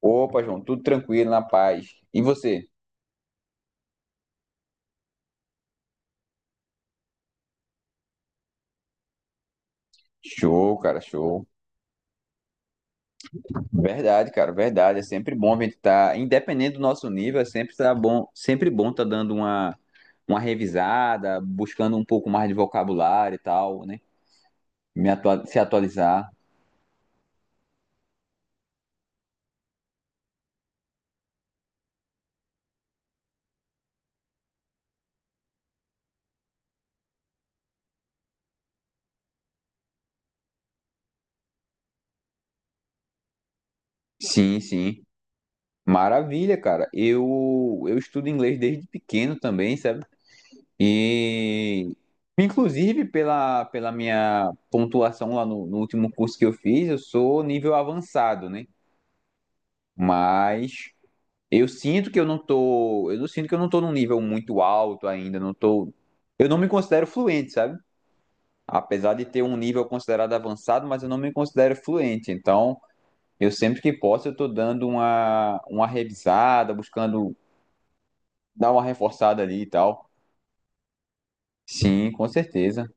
Opa, João, tudo tranquilo, na paz. E você? Show, cara, show. Verdade, cara, verdade. É sempre bom a gente estar, independente do nosso nível, é sempre tá bom, sempre bom tá dando uma revisada, buscando um pouco mais de vocabulário e tal, né? Me atua- se atualizar. Sim, sim. Maravilha, cara. Eu estudo inglês desde pequeno também, sabe? E inclusive pela minha pontuação lá no último curso que eu fiz, eu sou nível avançado, né? Mas eu sinto que eu não tô, eu não sinto que eu não tô num nível muito alto ainda, não tô, eu não me considero fluente, sabe? Apesar de ter um nível considerado avançado, mas eu não me considero fluente. Então, eu sempre que posso, eu tô dando uma revisada, buscando dar uma reforçada ali e tal. Sim, com certeza.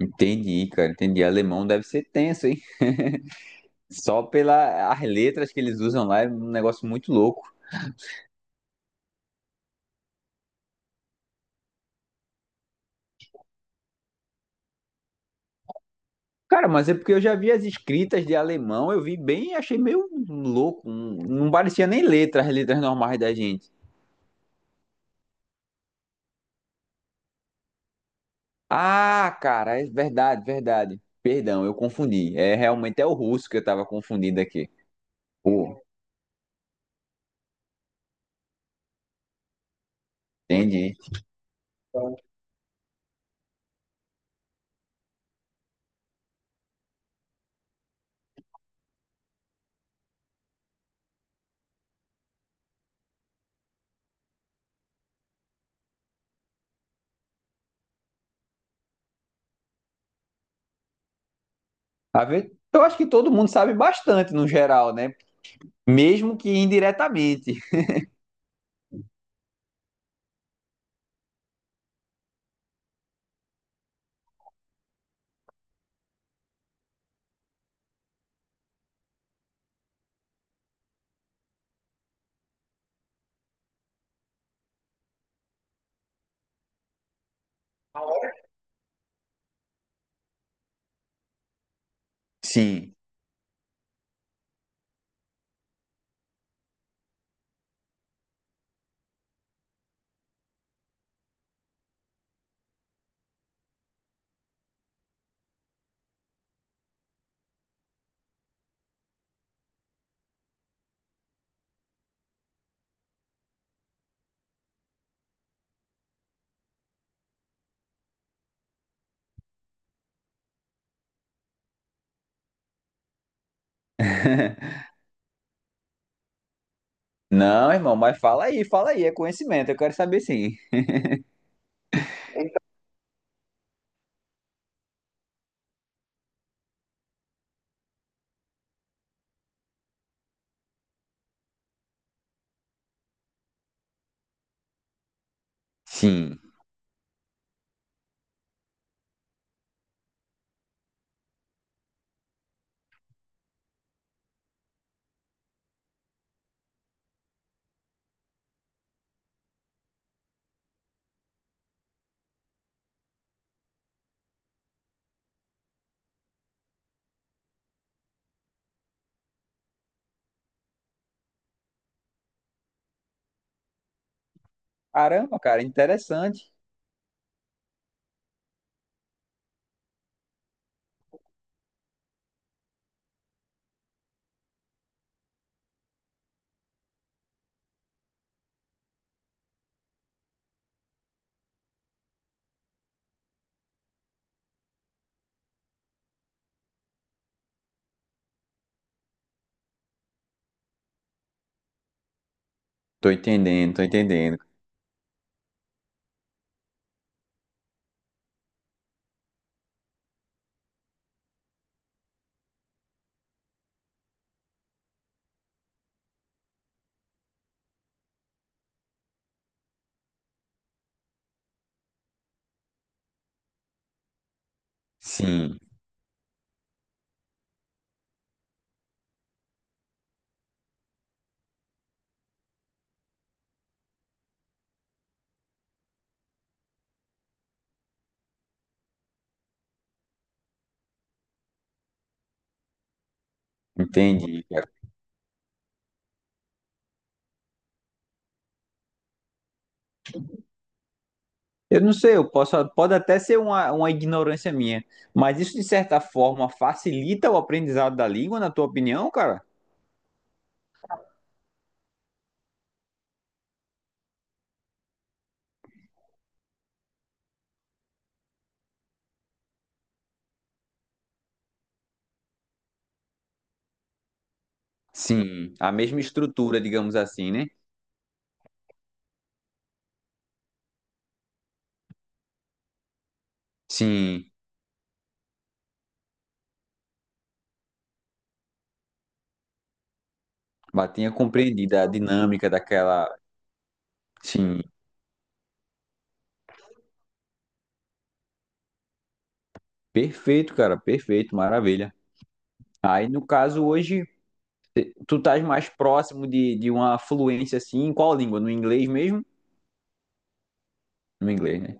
Entendi, cara, entendi. Alemão deve ser tenso, hein? Só pelas letras que eles usam lá é um negócio muito louco. Cara, mas é porque eu já vi as escritas de alemão, eu vi bem e achei meio louco. Não parecia nem letras, letras normais da gente. Ah, cara, é verdade, verdade. Perdão, eu confundi. É realmente é o russo que eu tava confundindo aqui. Pô, entendi. A ver, eu acho que todo mundo sabe bastante no geral, né? Mesmo que indiretamente. Sim. Não, irmão, mas fala aí, é conhecimento, eu quero saber sim. Sim. Caramba, cara, interessante. Tô entendendo, tô entendendo. Sim, entendi, cara. Eu não sei, eu posso, pode até ser uma ignorância minha, mas isso de certa forma facilita o aprendizado da língua, na tua opinião, cara? Sim, a mesma estrutura, digamos assim, né? Sim, mas tinha compreendido a dinâmica daquela. Sim, perfeito, cara, perfeito, maravilha. Aí, no caso, hoje, tu estás mais próximo de uma fluência assim, em qual língua? No inglês mesmo? No inglês, né?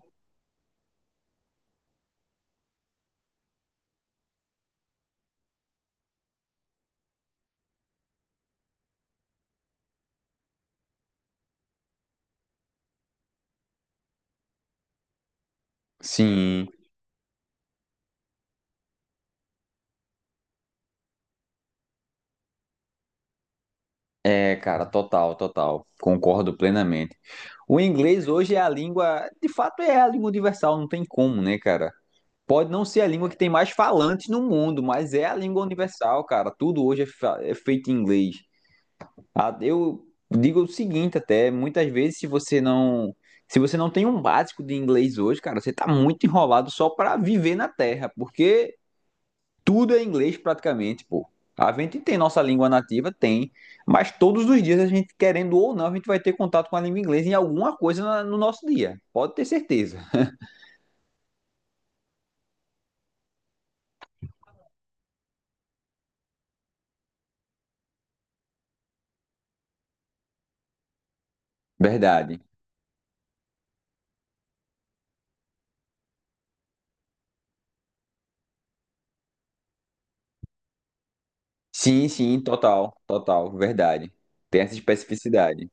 Sim. É, cara, total, total. Concordo plenamente. O inglês hoje é a língua, de fato é a língua universal, não tem como, né, cara? Pode não ser a língua que tem mais falantes no mundo, mas é a língua universal, cara. Tudo hoje é, fa- é feito em inglês. Ah, eu digo o seguinte até, muitas vezes se você não, se você não tem um básico de inglês hoje, cara, você tá muito enrolado só pra viver na Terra, porque tudo é inglês praticamente, pô. A gente tem nossa língua nativa, tem, mas todos os dias a gente, querendo ou não, a gente vai ter contato com a língua inglesa em alguma coisa na- no nosso dia. Pode ter certeza. Verdade. Sim, sim, total, total, verdade. Tem essa especificidade.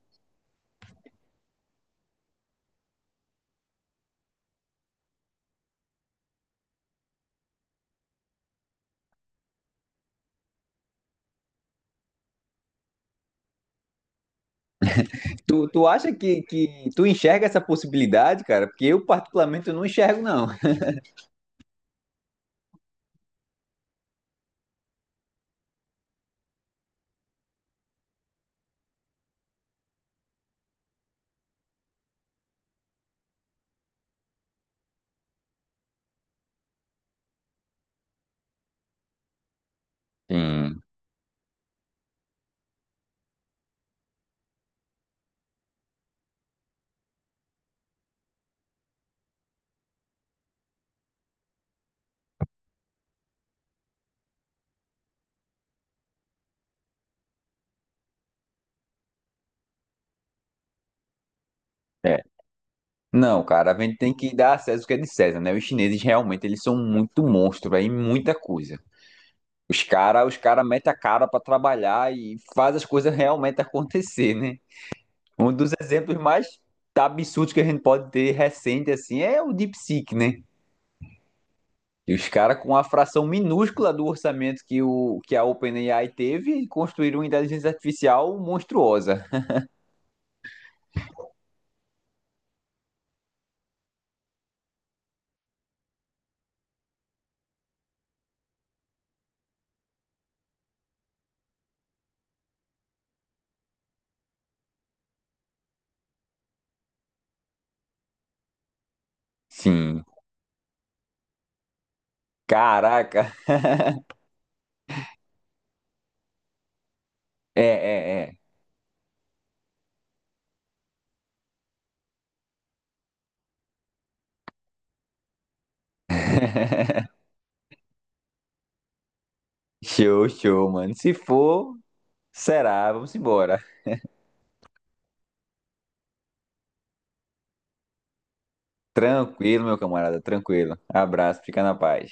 Tu, tu acha que tu enxerga essa possibilidade, cara? Porque eu, particularmente, eu não enxergo, não. Sim, é. Não, cara, a gente tem que dar a César o que é de César, né? Os chineses realmente, eles são muito monstro, velho, em muita coisa. Os caras, os cara metem a cara pra trabalhar e faz as coisas realmente acontecer, né? Um dos exemplos mais absurdos que a gente pode ter recente assim é o DeepSeek, né? E os caras com a fração minúscula do orçamento que, o, que a OpenAI teve construíram uma inteligência artificial monstruosa. Sim. Caraca. É, é, é. Show, show, mano. Se for, será. Vamos embora. Tranquilo, meu camarada, tranquilo. Abraço, fica na paz.